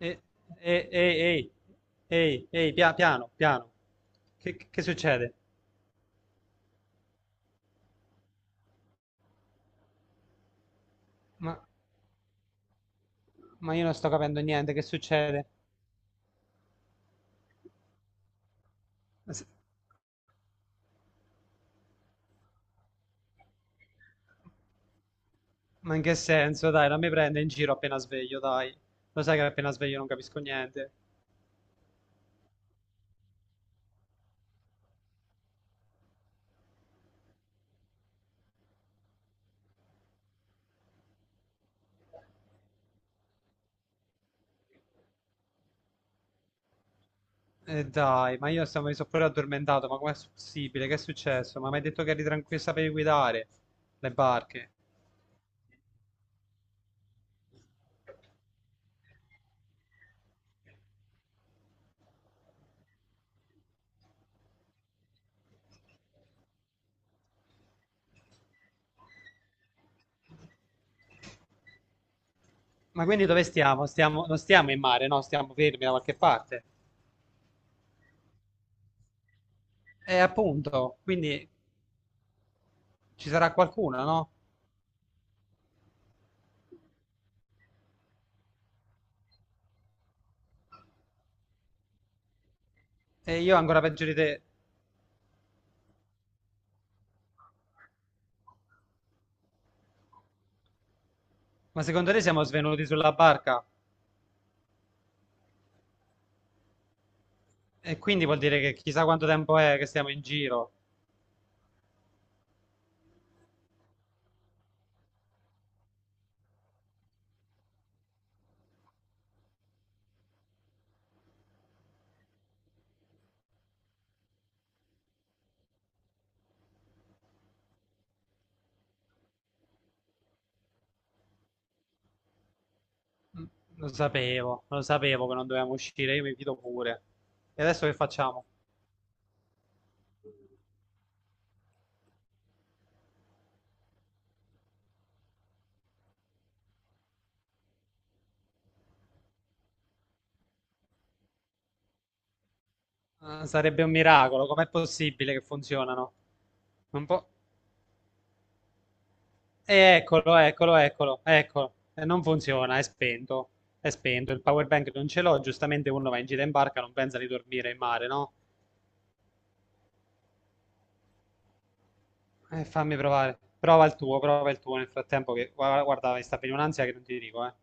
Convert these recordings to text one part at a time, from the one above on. E- Ehi, ehi, piano, piano. Che succede? Ma, ma io non sto capendo niente, che succede? Ma se- Ma in che senso? Dai, non mi prende in giro appena sveglio, dai. Lo sai che appena sveglio non capisco niente. E dai, mi sono pure addormentato, ma com'è possibile? Che è successo? Ma mi hai detto che eri tranquillo, sapevi guidare le barche. Ma quindi dove stiamo? Non stiamo in mare, no? Stiamo fermi da qualche parte. E appunto, quindi ci sarà qualcuno, no? E io ancora peggio di te. Ma secondo te siamo svenuti sulla barca? E quindi vuol dire che chissà quanto tempo è che stiamo in giro. Mm, lo sapevo, lo sapevo che non dovevamo uscire, io mi fido pure. E adesso che facciamo? Ah, sarebbe un miracolo, com'è possibile che funzionano? Un po'... Eccolo. E non funziona, è spento. È spento, il power bank non ce l'ho, giustamente uno va in gita in barca, non pensa di dormire in mare, no? Fammi provare. Prova il tuo nel frattempo che guarda, mi sta venendo un'ansia che non ti dico, eh.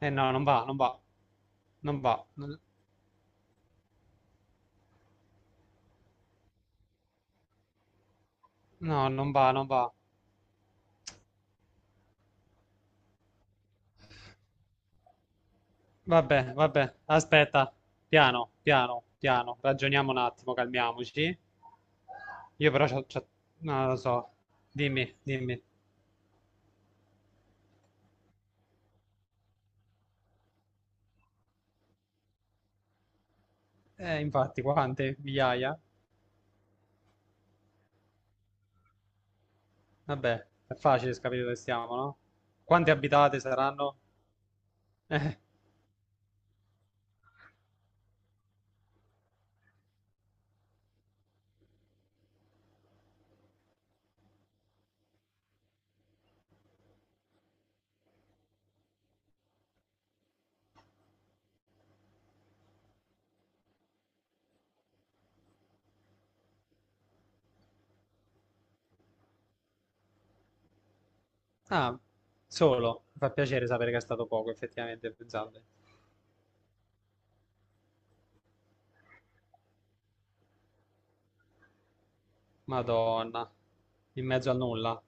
Eh no, non va. Non va. non- No, non va. Vabbè, vabbè. Aspetta. Piano, piano, piano. Ragioniamo un attimo, calmiamoci. Io però non lo so. Dimmi, dimmi. Infatti, quante? Migliaia? Vabbè, è facile capire dove stiamo, no? Quante abitate saranno? Eh, ah, solo. Mi fa piacere sapere che è stato poco, effettivamente, pensate. Madonna, in mezzo al nulla.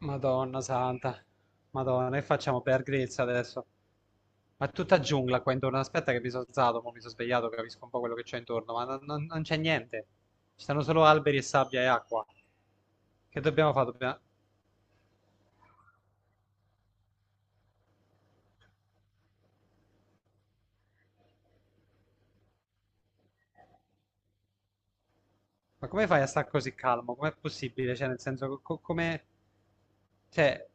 Madonna santa. Madonna, che facciamo per grezza adesso? Ma è tutta giungla qua intorno. Aspetta che mi sono alzato, mo mi sono svegliato, capisco un po' quello che c'è intorno, ma non c'è niente. Ci stanno solo alberi e sabbia e acqua. Che dobbiamo fare? Ma come fai a stare così calmo? Com'è possibile? Cioè, nel senso, come... Cioè,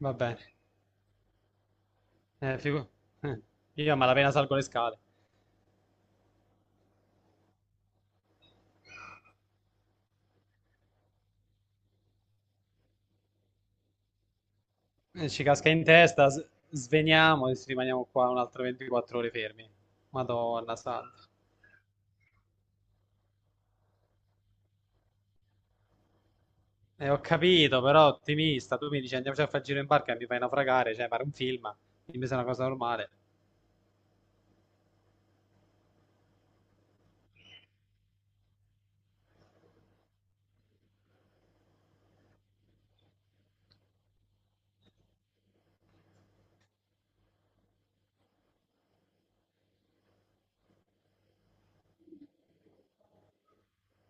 va bene. Eh, figu- eh, Io a malapena salgo le scale. Ci casca in testa, sveniamo e rimaniamo qua un'altra 24 ore fermi. Madonna santa. E ho capito, però ottimista, tu mi dici andiamoci a fare il giro in barca e mi fai naufragare, cioè fare un film, dimmi se è una cosa normale.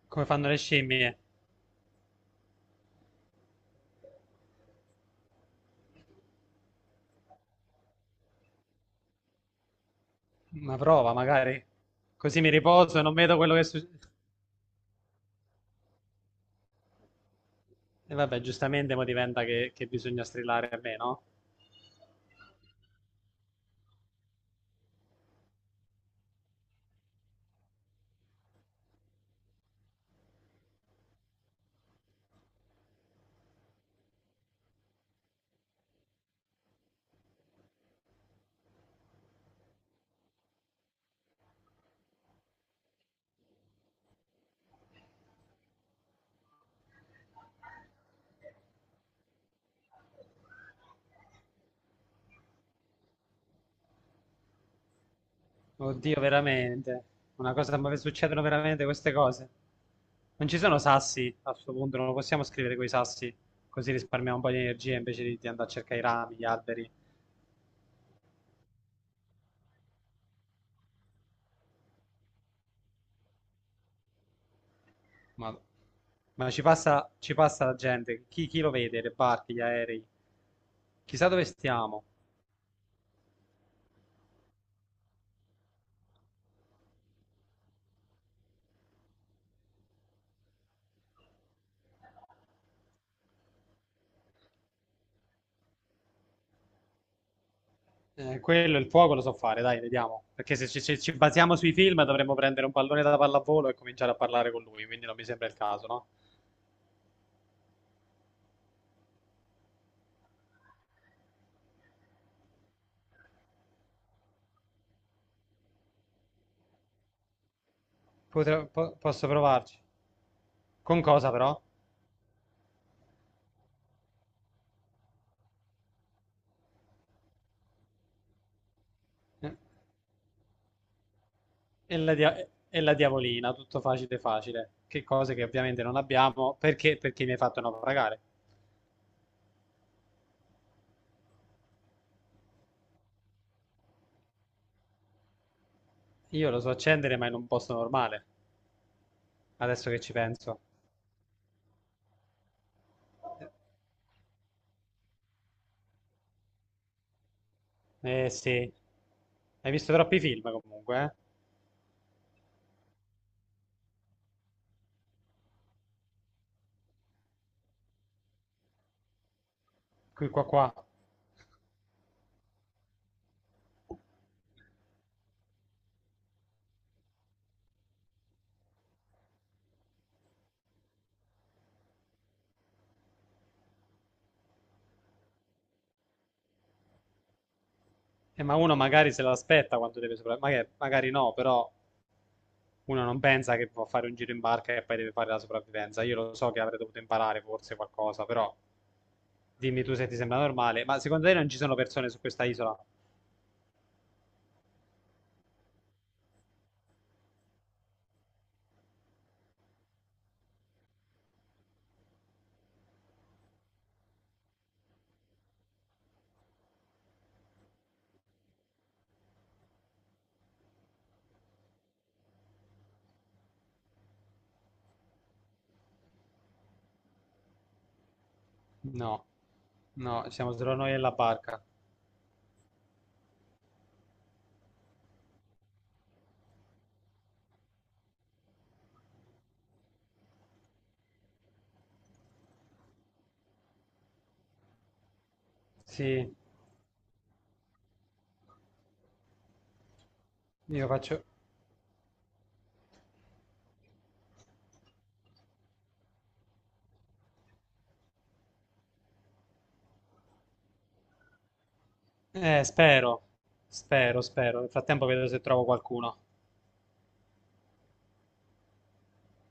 Come fanno le scimmie? Una prova, magari. Così mi riposo e non vedo quello che succede. E vabbè, giustamente mo diventa che bisogna strillare a me, no? Oddio, veramente. Una cosa, ma succedono veramente queste cose? Non ci sono sassi a questo punto, non lo possiamo scrivere coi sassi, così risparmiamo un po' di energia invece di andare a cercare i rami, gli alberi. Ma Ma ci passa la gente, chi, chi lo vede, le barche, gli aerei. Chissà dove stiamo. Quello, il fuoco lo so fare, dai, vediamo. Perché se ci, se ci basiamo sui film dovremmo prendere un pallone da pallavolo e cominciare a parlare con lui, quindi non mi sembra il caso, no? Posso provarci. Con cosa però? Eh, E la, e la diavolina, tutto facile facile, che cose che ovviamente non abbiamo perché, perché mi hai fatto naufragare. Io lo so accendere ma in un posto normale, adesso che ci penso. Eh sì, hai visto troppi film comunque, eh? Qui qua qua. Ma uno magari se l'aspetta quando deve sopravvivere, magari no, però uno non pensa che può fare un giro in barca e poi deve fare la sopravvivenza. Io lo so che avrei dovuto imparare forse qualcosa, però dimmi tu se ti sembra normale. Ma secondo te non ci sono persone su questa isola? No, no, siamo solo noi e la parca. Sì, io faccio... spero, spero, spero. Nel frattempo vedo se trovo qualcuno.